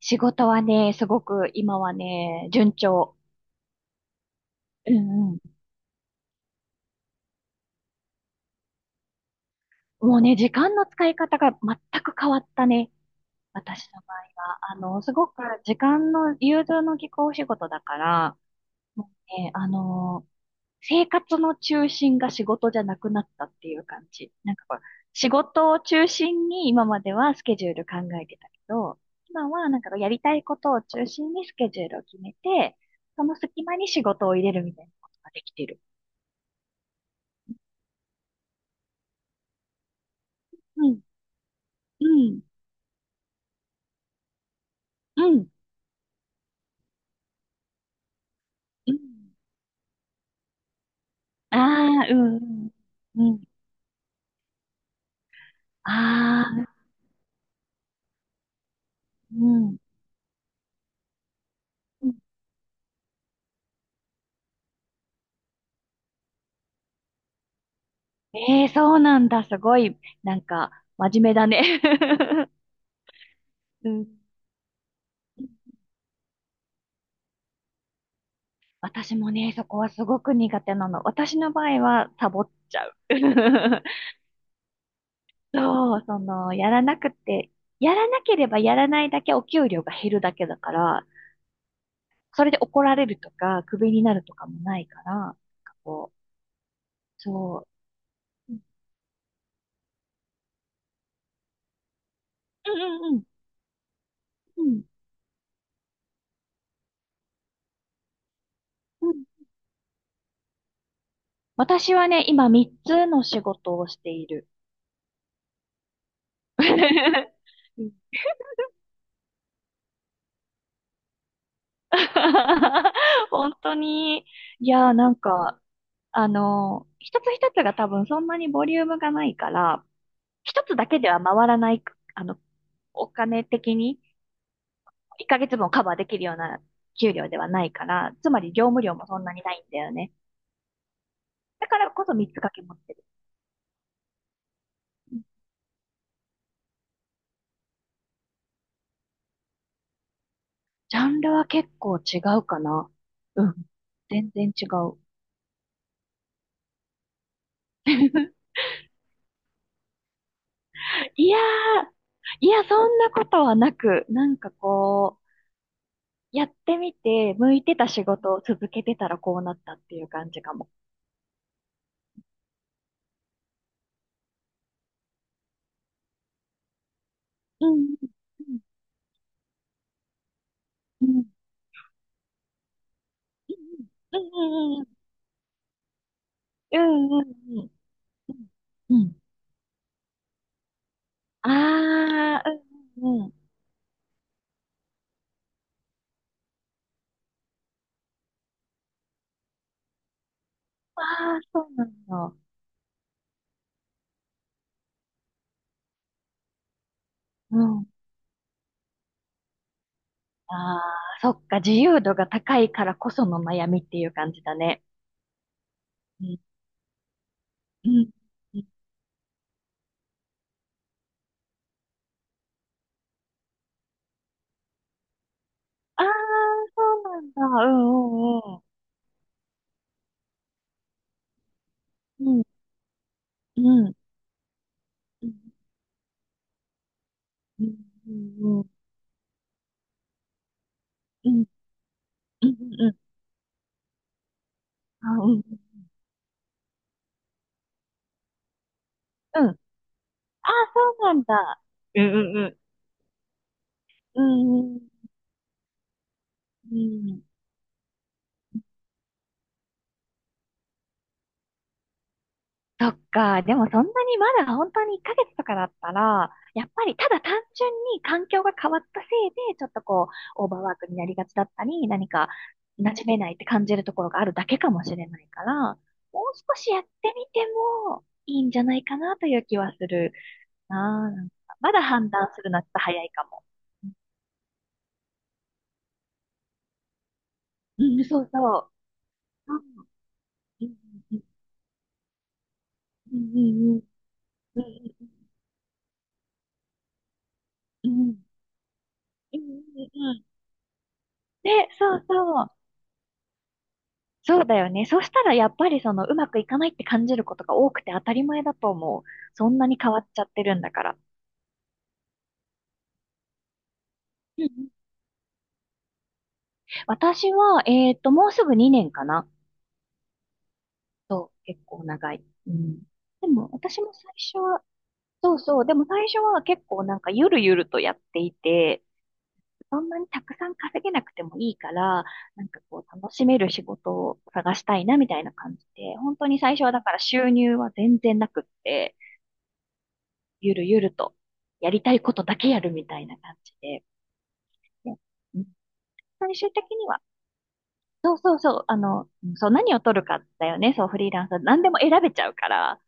仕事はね、すごく今はね、順調。うんうん。もうね、時間の使い方が全く変わったね。私の場合は。すごく時間の融通の利くお仕事だから、もうね、生活の中心が仕事じゃなくなったっていう感じ。なんかこう、仕事を中心に今まではスケジュール考えてたけど、今はなんかやりたいことを中心にスケジュールを決めて、その隙間に仕事を入れるみたいなことができてる。うん、うん、うん。ああ、うん、うん。うん。ああ、うん。うん。ええーそうなんだ。すごい、なんか、真面目だね。うん。私もね、そこはすごく苦手なの。私の場合は、サボっちゃう。そう、その、やらなくて、やらなければやらないだけお給料が減るだけだから、それで怒られるとか、クビになるとかもないから、なんかこう、そう。うんうんうん。うん。私はね、今3つの仕事をしている。うん。 本当に、いやーなんか、一つ一つが多分そんなにボリュームがないから、一つだけでは回らない、あの、お金的に1ヶ月分をカバーできるような給料ではないから、つまり業務量もそんなにないんだよね。だからこそ3つ掛け持ってる。ジャンルは結構違うかな。うん。全然違う。いやー、いや、そんなことはなく、なんかこう、やってみて、向いてた仕事を続けてたらこうなったっていう感じかも。うん、うん、うん、うん、うん、うん、うん、うん、うん、うんうんうん。あー、うん、うん、うん。あー、そうなんだ。うん。あー、そっか、自由度が高いからこその悩みっていう感じだね。うん、うん、うん。あー、そうなんだ。うん、うん、うん。うん、うん。うんうん、うん、うん、うん、うん、あ、うん、うん。あ、そうなんだ。うん、うん、うん。うん、うん、うん。そっか。でもそんなにまだ本当に1ヶ月とかだったら、やっぱりただ単純に環境が変わったせいで、ちょっとこう、オーバーワークになりがちだったり、何か馴染めないって感じるところがあるだけかもしれないから、もう少しやってみてもいいんじゃないかなという気はするなあ。なんかまだ判断するのはちょっと早いかも。うん、そうそう。うん、うん、うん、うん、うん、うん、うん、うん、うん、うん。で、そうそう。そうだよね。そうしたらやっぱりそのうまくいかないって感じることが多くて当たり前だと思う。そんなに変わっちゃってるんだから。うんうん、私は、もうすぐ2年かな。そう、結構長い。うん。でも、私も最初は、そうそう、でも最初は結構なんかゆるゆるとやっていて、たくさん稼げなくてもいいから、なんかこう楽しめる仕事を探したいなみたいな感じで、本当に最初はだから収入は全然なくって、ゆるゆるとやりたいことだけやるみたいな感じで、で、うん、最終的には、そうそうそう、うん、そう、何を取るかだよね、そうフリーランスは何でも選べちゃうから、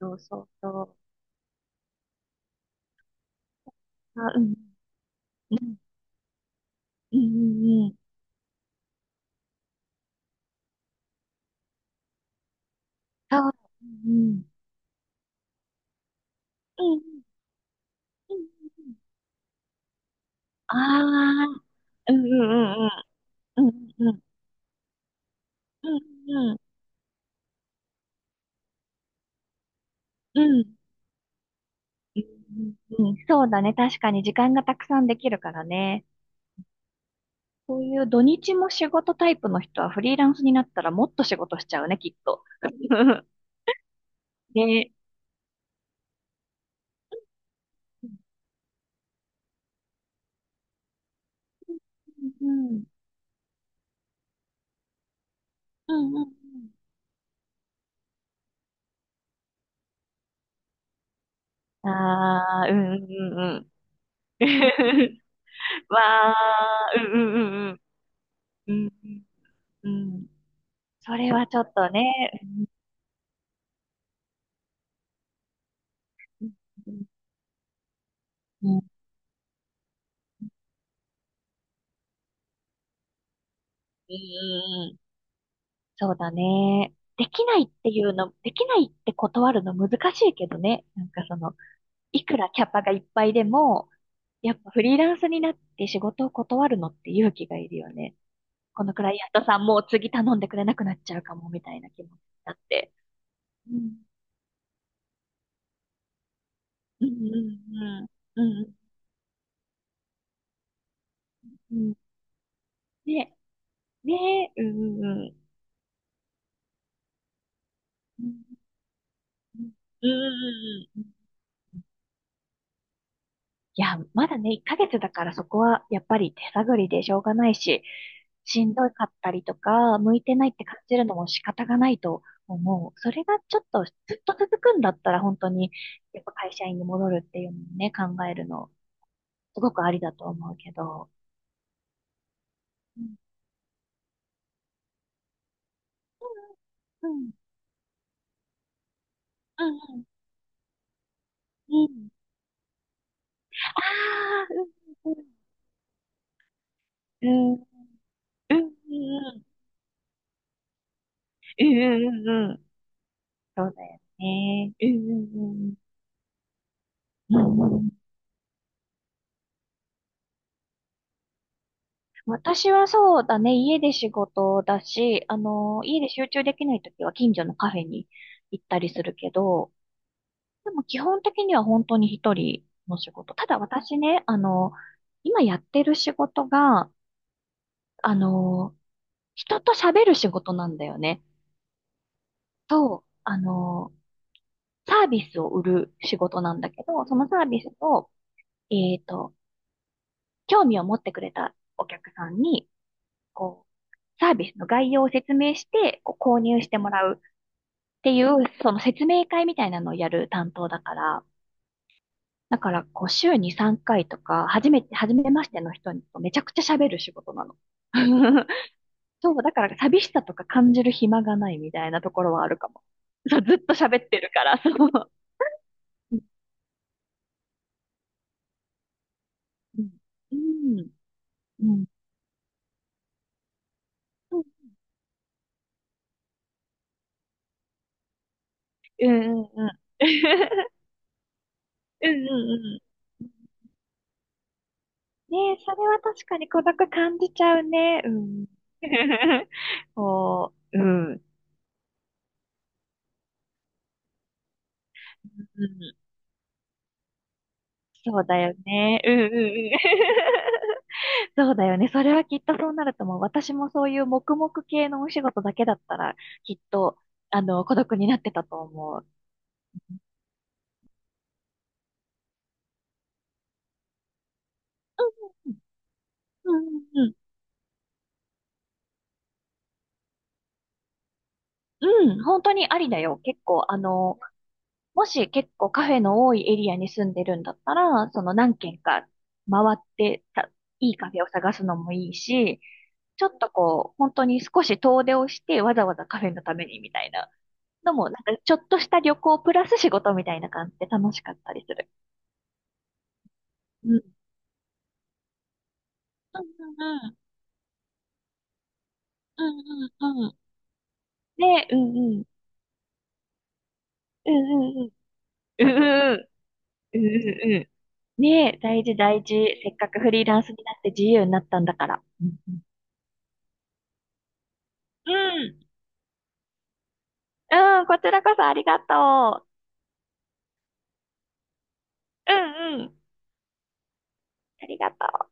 そうそうそう、あ、うん、うん、うん、うん、うん、そう、うん、うん、うん、うん、うん、うん。ああ、うん、うん、うん、うん、うん、うん、うんうん。うん。うんうん。そうだね。確かに時間がたくさんできるからね。そういう土日も仕事タイプの人はフリーランスになったらもっと仕事しちゃうね、きっと。ね。うん。うんうんうん。ああ、うんうんうんうん。わあ、うんうんうんうん。うんうんうん。それはちょっとね。うんうんうんうん。そうだね。できないっていうの、できないって断るの難しいけどね。なんかその、いくらキャパがいっぱいでも、やっぱフリーランスになって仕事を断るのって勇気がいるよね。このクライアントさんもう次頼んでくれなくなっちゃうかもみたいな気持ちだって。うん。うんうんうん。うんうんうん。ね、ね、うんうんうん。うんうんうん。うんうんうん。いや、まだね、1ヶ月だからそこはやっぱり手探りでしょうがないし、しんどかったりとか、向いてないって感じるのも仕方がないと思う。それがちょっとずっと続くんだったら本当に、やっぱ会社員に戻るっていうのもね、考えるの、すごくありだと思うけど。うん、うん、うん、うん。うん。ああ、ん、うん、うん、うん、うん、うん、うん、うん、うん、うん、うん、そうだよね。うん、うん、うん、うん。私はそうだね、家で仕事だし、家で集中できないときは近所のカフェに行ったりするけど、でも基本的には本当に一人の仕事。ただ私ね、今やってる仕事が、あの、人と喋る仕事なんだよね。そう、サービスを売る仕事なんだけど、そのサービスを、えっと、興味を持ってくれたお客さんに、こう、サービスの概要を説明して、こう購入してもらう。っていう、その説明会みたいなのをやる担当だから、だから、こう、週に3回とか、初めて、初めましての人にめちゃくちゃ喋る仕事なの。そう、だから寂しさとか感じる暇がないみたいなところはあるかも。そう、ずっと喋ってるから、そう。うん、うん、うん、うん、うん、うん、うん、うん、うんうん。ねえ、それは確かに孤独感じちゃうね。うん。こう、うん。うん、そうだよね。うんうんうん。そうだよね。それはきっとそうなると思う。私もそういう黙々系のお仕事だけだったら、きっと、孤独になってたと思う。うんうんうんうん、本当にありだよ。結構、もし結構カフェの多いエリアに住んでるんだったら、その何軒か回ってた、いいカフェを探すのもいいし、ちょっとこう、本当に少し遠出をしてわざわざカフェのためにみたいな。のも、なんかちょっとした旅行プラス仕事みたいな感じで楽しかったりする。うん。うんうんうん。うんうんうん。ねえ、うんうん。うんうんうん。うんうんうん。うんうんうんうん。ねえ、大事大事。せっかくフリーランスになって自由になったんだから。うんうん。うん。うん、こちらこそありがとう。うんうん。ありがとう。